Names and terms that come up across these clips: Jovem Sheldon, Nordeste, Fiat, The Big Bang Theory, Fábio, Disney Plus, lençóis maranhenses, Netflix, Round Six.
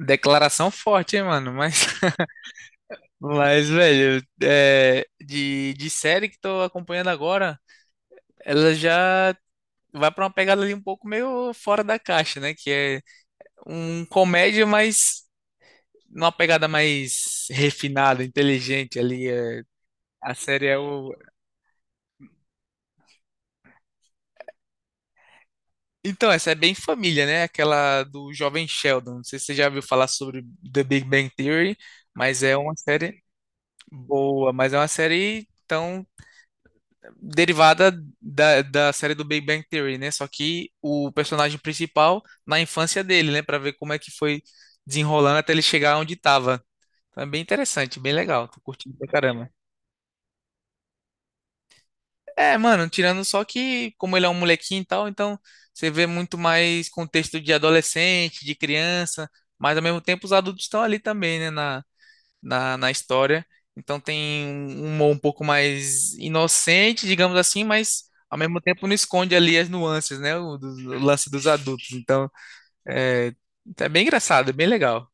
Declaração forte, hein, mano? Mas, mas velho, de série que tô acompanhando agora, ela já vai pra uma pegada ali um pouco meio fora da caixa, né? Que é um comédia, mas numa pegada mais refinada, inteligente ali. É. A série é o. Então, essa é bem família, né? Aquela do Jovem Sheldon. Não sei se você já ouviu falar sobre The Big Bang Theory, mas é uma série boa, mas é uma série. Então, derivada da série do Big Bang Theory, né? Só que o personagem principal na infância dele, né? Pra ver como é que foi desenrolando até ele chegar onde tava. Então é bem interessante, bem legal. Tô curtindo pra caramba. É, mano, tirando só que, como ele é um molequinho e tal, então você vê muito mais contexto de adolescente, de criança, mas ao mesmo tempo os adultos estão ali também, né? Na história. Então tem um humor um pouco mais inocente, digamos assim, mas ao mesmo tempo não esconde ali as nuances, né? O lance dos adultos. Então é, é bem engraçado, é bem legal.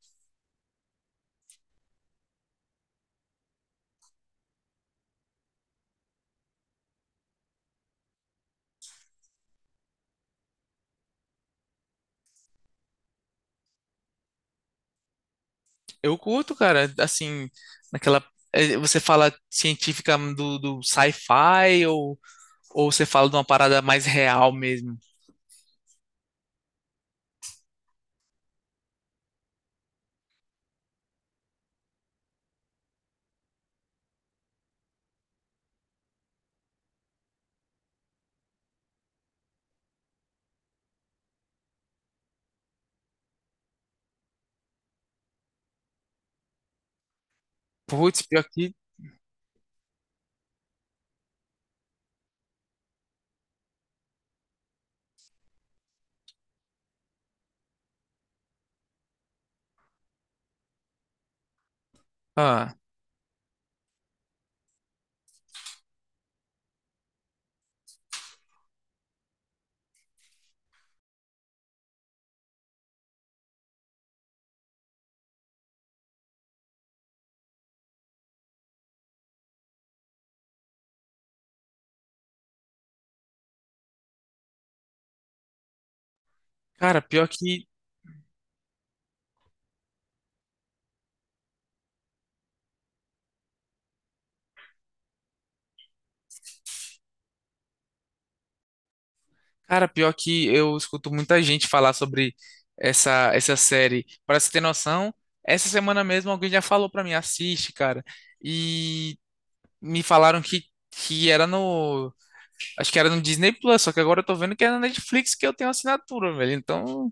Eu curto, cara, assim, naquela. Você fala científica do sci-fi ou você fala de uma parada mais real mesmo? Putz, pior que. Ah, cara, pior que. Cara, pior que eu escuto muita gente falar sobre essa série. Pra você ter noção, essa semana mesmo alguém já falou pra mim, assiste, cara. E me falaram que era no. Acho que era no Disney Plus, só que agora eu tô vendo que é na Netflix que eu tenho assinatura, velho. Então,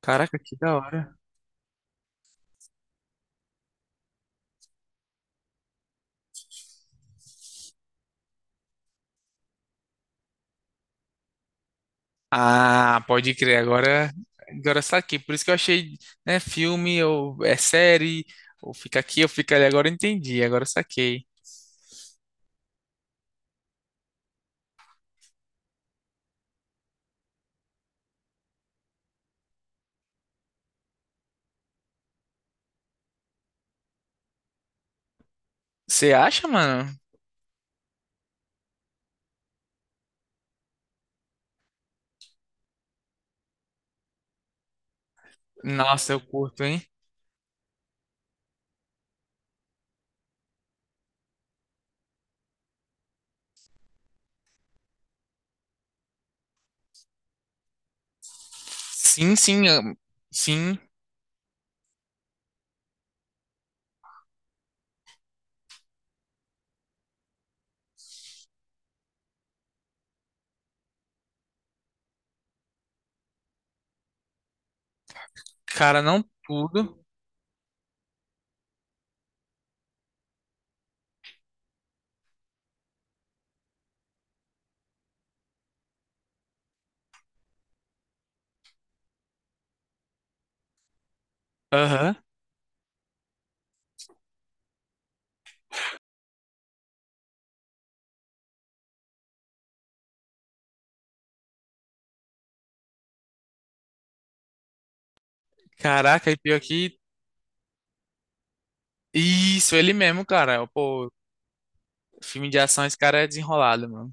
caraca, que da hora. Ah, pode crer, agora, agora está aqui. Por isso que eu achei, né, filme, ou é série, ou fica aqui, ou fica ali. Agora eu entendi, agora eu saquei. Você acha, mano? Nossa, eu curto, hein? Sim, sim, sim, cara, não tudo. Aham. Caraca, e pior que. Isso, ele mesmo, cara. Pô, filme de ação, esse cara é desenrolado, mano.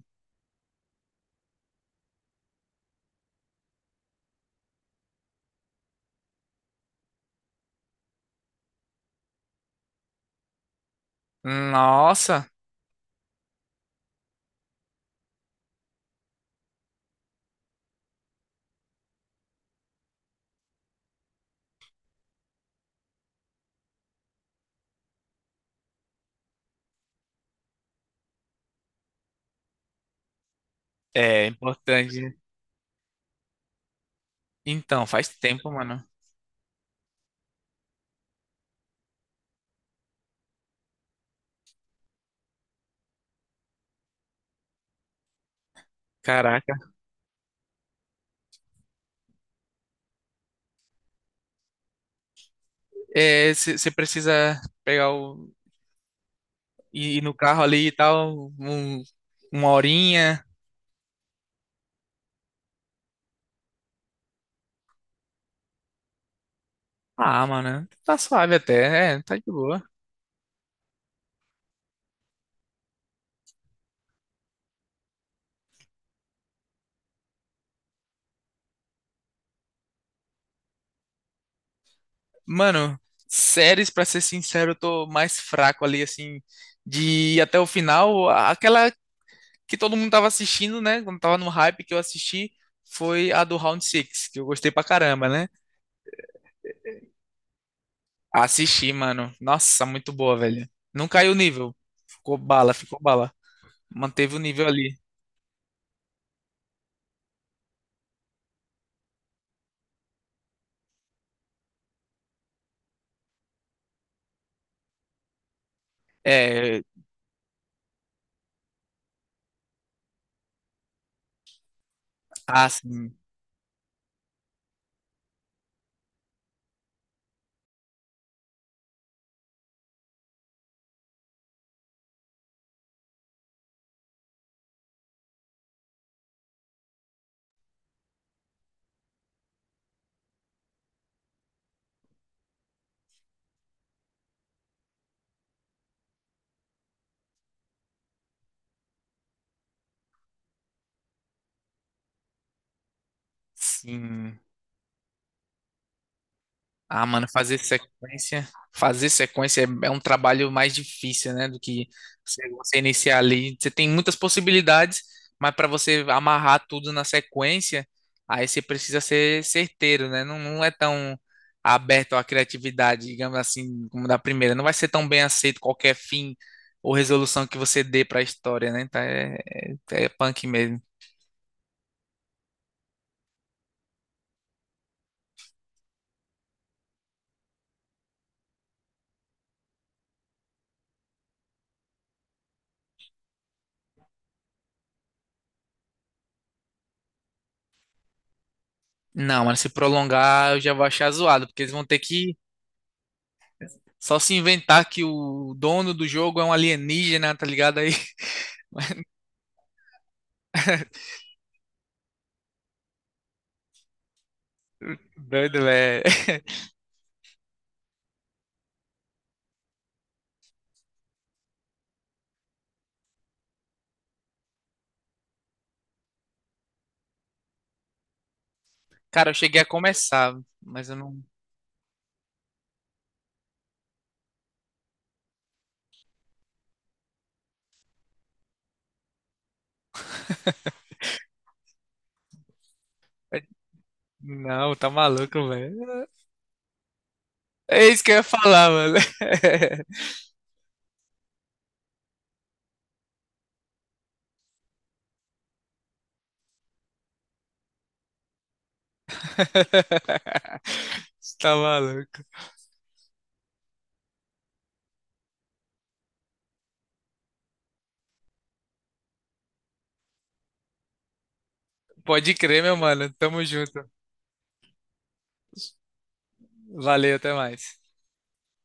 Nossa, é importante, né? Então, faz tempo, mano. Caraca. É, você precisa pegar o. Ir no carro ali e tal, um- uma horinha. Ah, mano, tá suave até, é, tá de boa. Mano, séries, pra ser sincero, eu tô mais fraco ali, assim, de ir até o final. A- Aquela que todo mundo tava assistindo, né? Quando tava no hype que eu assisti, foi a do Round Six que eu gostei pra caramba, né? Assisti, mano. Nossa, muito boa, velho. Não caiu o nível. Ficou bala, ficou bala. Manteve o nível ali. É, ah, sim, sim. Ah, mano, fazer sequência é, é um trabalho mais difícil, né, do que você, você iniciar ali. Você tem muitas possibilidades, mas para você amarrar tudo na sequência, aí você precisa ser certeiro, né? Não, não é tão aberto à criatividade, digamos assim, como da primeira. Não vai ser tão bem aceito qualquer fim ou resolução que você dê para a história, né? Então é, é punk mesmo. Não, mas se prolongar, eu já vou achar zoado, porque eles vão ter que Só se inventar que o dono do jogo é um alienígena, tá ligado aí? Doido, velho. Cara, eu cheguei a começar, mas eu não. Não, tá maluco, velho. É isso que eu ia falar, mano. Tá maluco. Pode crer, meu mano. Tamo junto. Valeu, até mais.